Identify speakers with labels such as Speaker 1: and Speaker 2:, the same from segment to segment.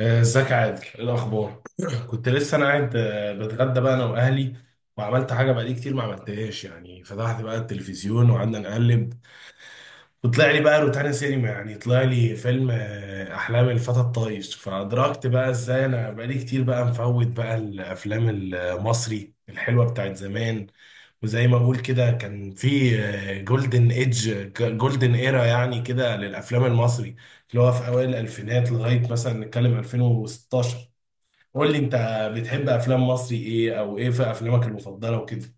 Speaker 1: ازيك يا عادل؟ ايه الاخبار؟ كنت لسه انا قاعد، بتغدى بقى انا واهلي، وعملت حاجه بقالي كتير ما عملتهاش. يعني فتحت بقى التلفزيون وقعدنا نقلب، وطلع لي بقى روتانا سينما. يعني طلع لي فيلم، أحلام الفتى الطايش. فأدركت بقى إزاي أنا بقالي كتير بقى مفوت بقى الأفلام المصري الحلوة بتاعت زمان. وزي ما أقول كده، كان في جولدن إيدج، جولدن إيرا يعني كده للأفلام المصري، اللي هو في أوائل الألفينات لغاية مثلا نتكلم 2016. قول لي أنت، بتحب أفلام مصري إيه؟ أو إيه في أفلامك المفضلة وكده؟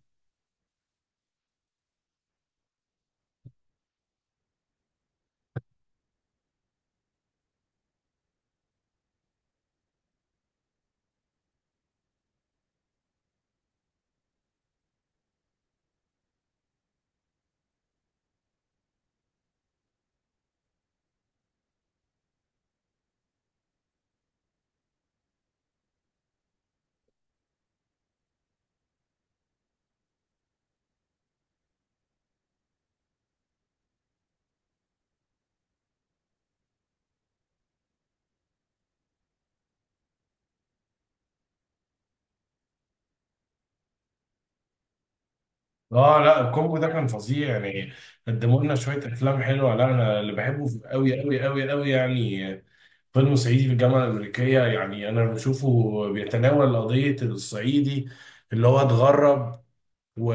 Speaker 1: اه، لا الكومبو ده كان فظيع يعني، قدموا لنا شويه افلام حلوه. لا انا اللي بحبه قوي قوي قوي قوي يعني فيلم صعيدي في الجامعه الامريكيه. يعني انا بشوفه بيتناول قضيه الصعيدي اللي هو اتغرب و...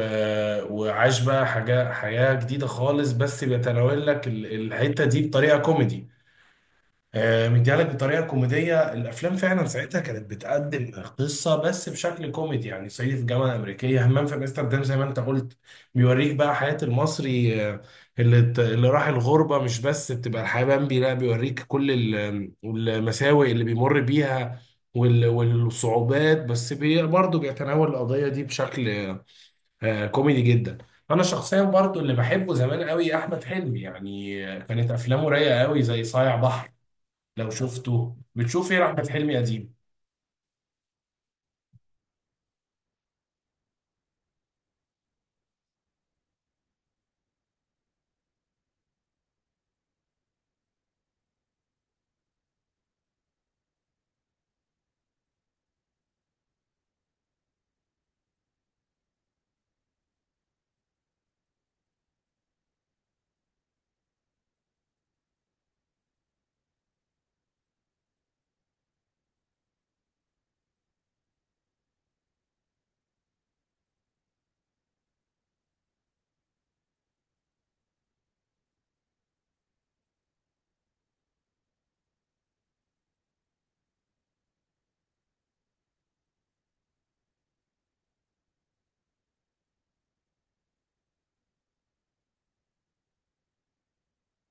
Speaker 1: وعاش بقى حاجه، حياه جديده خالص، بس بيتناول لك الحته دي بطريقه كوميدي. مديها لك بطريقه كوميديه. الافلام فعلا ساعتها كانت بتقدم قصه بس بشكل كوميدي. يعني صعيدي في الجامعه الامريكيه، همام في امستردام، زي ما انت قلت، بيوريك بقى حياه المصري، اللي راح الغربه. مش بس بتبقى الحياه بامبي، لا بيوريك كل المساوئ اللي بيمر بيها والصعوبات، بس بي برضه بيتناول القضيه دي بشكل كوميدي جدا. انا شخصيا برضه اللي بحبه زمان قوي احمد حلمي. يعني كانت افلامه رايقه قوي زي صايع بحر. لو شفته، بتشوف ايه احمد حلمي قديم؟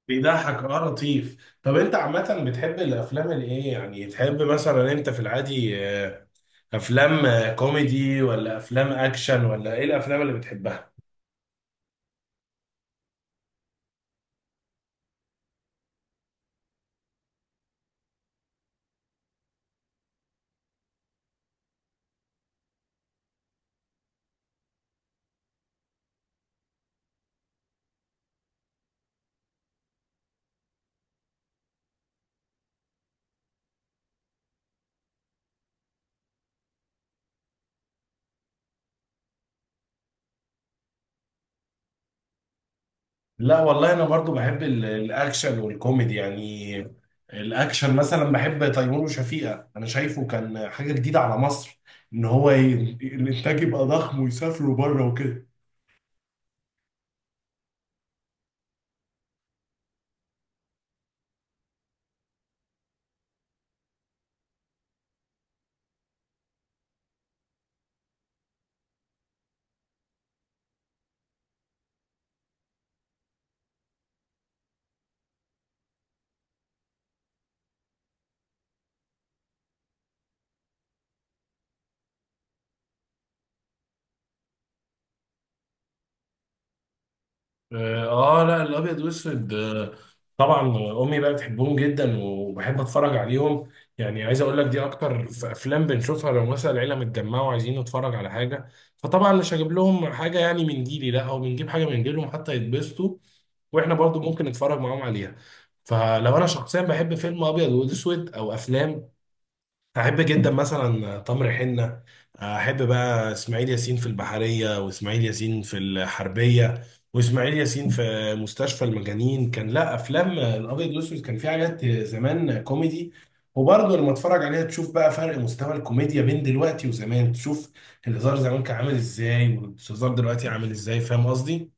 Speaker 1: بيضحك اه لطيف. طب انت عامة بتحب الافلام الايه؟ يعني تحب مثلا انت في العادي آه، افلام، كوميدي ولا افلام اكشن؟ ولا ايه الافلام اللي بتحبها؟ لا والله، انا برضو بحب الاكشن والكوميدي يعني. الاكشن مثلا بحب تيمور وشفيقة، انا شايفه كان حاجة جديدة على مصر، ان هو ي- الانتاج يبقى ضخم، ويسافروا بره وكده. اه، لا الابيض واسود، طبعا. امي بقى بتحبهم جدا، وبحب اتفرج عليهم. يعني عايز اقول لك دي اكتر افلام بنشوفها لو مثلا العيله متجمعه وعايزين نتفرج على حاجه. فطبعا مش هجيب لهم حاجه يعني من جيلي، لا او بنجيب حاجه من جيلهم حتى يتبسطوا، واحنا برضو ممكن نتفرج معاهم عليها. فلو انا شخصيا بحب فيلم ابيض واسود او افلام، احب جدا مثلا تمر حنه. احب بقى اسماعيل ياسين في البحريه، واسماعيل ياسين في الحربيه، واسماعيل ياسين في مستشفى المجانين. كان لا افلام الابيض والاسود كان في حاجات زمان كوميدي. وبرضه لما اتفرج عليها تشوف بقى فرق مستوى الكوميديا بين دلوقتي وزمان. تشوف الهزار زمان كان عامل ازاي، والهزار دلوقتي عامل ازاي. فاهم قصدي؟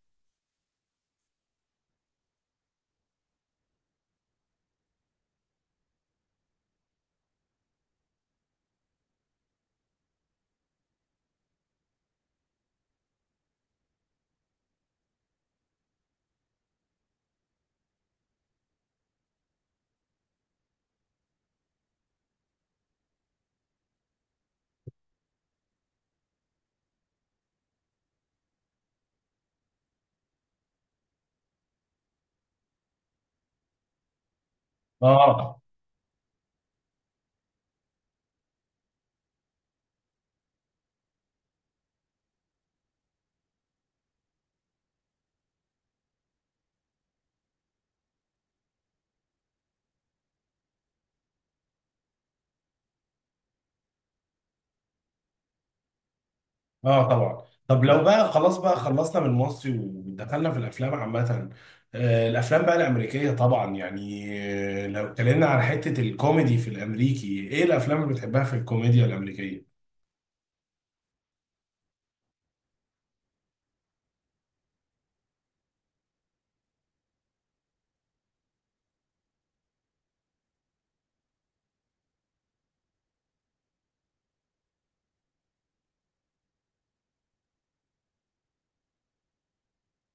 Speaker 1: اه. اه طبعا. طب لو بقى خلاص بقى خلصنا من المصري ودخلنا في الافلام عامه، الافلام بقى الامريكيه طبعا، يعني لو اتكلمنا عن حته الكوميدي في الامريكي، ايه الافلام اللي بتحبها في الكوميديا الامريكيه؟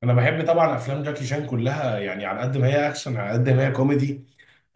Speaker 1: انا بحب طبعا افلام جاكي شان كلها، يعني على قد ما هي اكشن على قد ما هي كوميدي.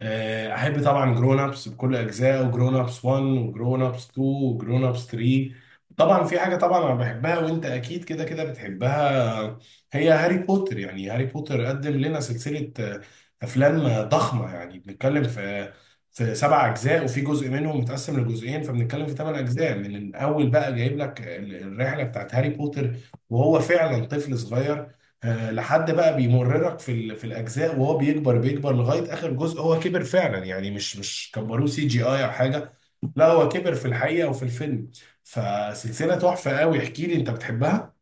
Speaker 1: احب طبعا جرون ابس بكل اجزائه، وجرون ابس 1 وجرون ابس 2 وجرون ابس 3. طبعا في حاجه طبعا انا بحبها وانت اكيد كده كده بتحبها، هي هاري بوتر. يعني هاري بوتر قدم لنا سلسله، افلام ضخمه. يعني بنتكلم في في سبع اجزاء، وفي جزء منهم متقسم لجزئين، فبنتكلم في ثمان اجزاء. من الاول بقى جايب لك الرحله بتاعت هاري بوتر وهو فعلا طفل صغير، لحد بقى بيمررك في في الاجزاء وهو بيكبر بيكبر لغايه اخر جزء هو كبر فعلا. يعني مش كبروه سي جي اي او حاجه، لا هو كبر في الحقيقه وفي الفيلم. فسلسله تحفه قوي. احكي لي انت بتحبها؟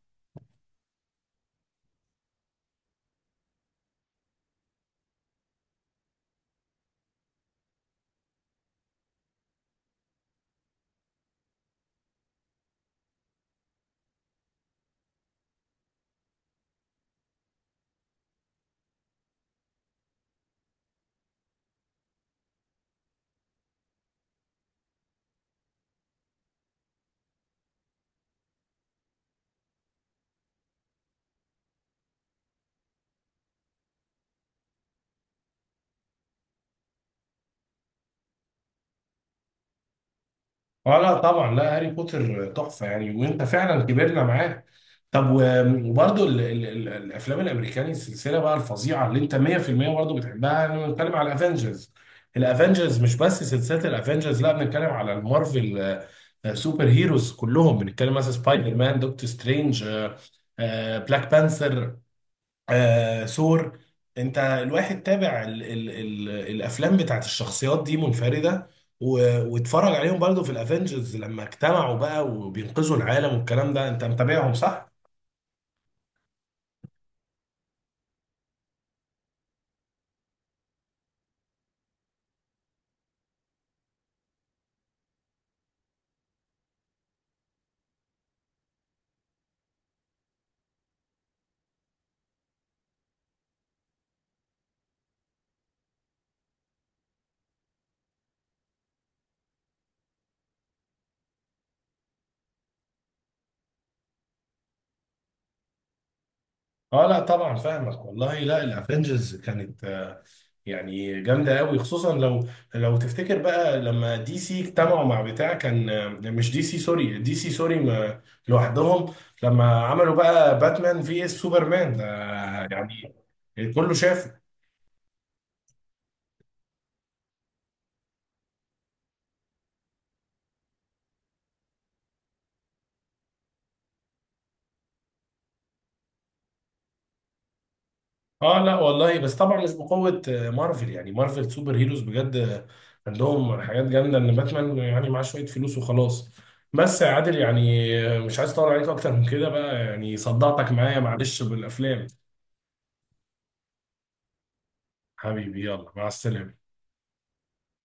Speaker 1: اه لا طبعا، لا هاري بوتر تحفه يعني، وانت فعلا كبرنا معاه. طب وبرضه الافلام الامريكاني السلسله بقى الفظيعه اللي انت 100% برضه بتحبها، انا بنتكلم على الافنجرز. الافنجرز مش بس سلسله الافنجرز، لا بنتكلم على المارفل، سوبر هيروز كلهم. بنتكلم مثلا سبايدر مان، دكتور سترينج، بلاك بانثر، آه ثور. انت الواحد تابع ال ال ال الافلام بتاعت الشخصيات دي منفردة، واتفرج عليهم برضو في الافنجرز لما اجتمعوا بقى وبينقذوا العالم والكلام ده. انت متابعهم صح؟ اه لا طبعا فاهمك والله. لا الافنجرز كانت يعني جامدة قوي، خصوصا لو لو تفتكر بقى لما دي سي اجتمعوا مع بتاع كان، مش دي سي سوري، دي سي سوري لوحدهم، لما عملوا بقى باتمان في اس سوبرمان ده يعني، كله شاف. اه لا والله، بس طبعا مش بقوة مارفل. يعني مارفل سوبر هيروز بجد عندهم حاجات جامدة. ان باتمان يعني معاه شوية فلوس وخلاص. بس يا عادل يعني، مش عايز اطول عليك اكتر من كده بقى، يعني صدعتك معايا معلش بالافلام. حبيبي يلا مع السلامة.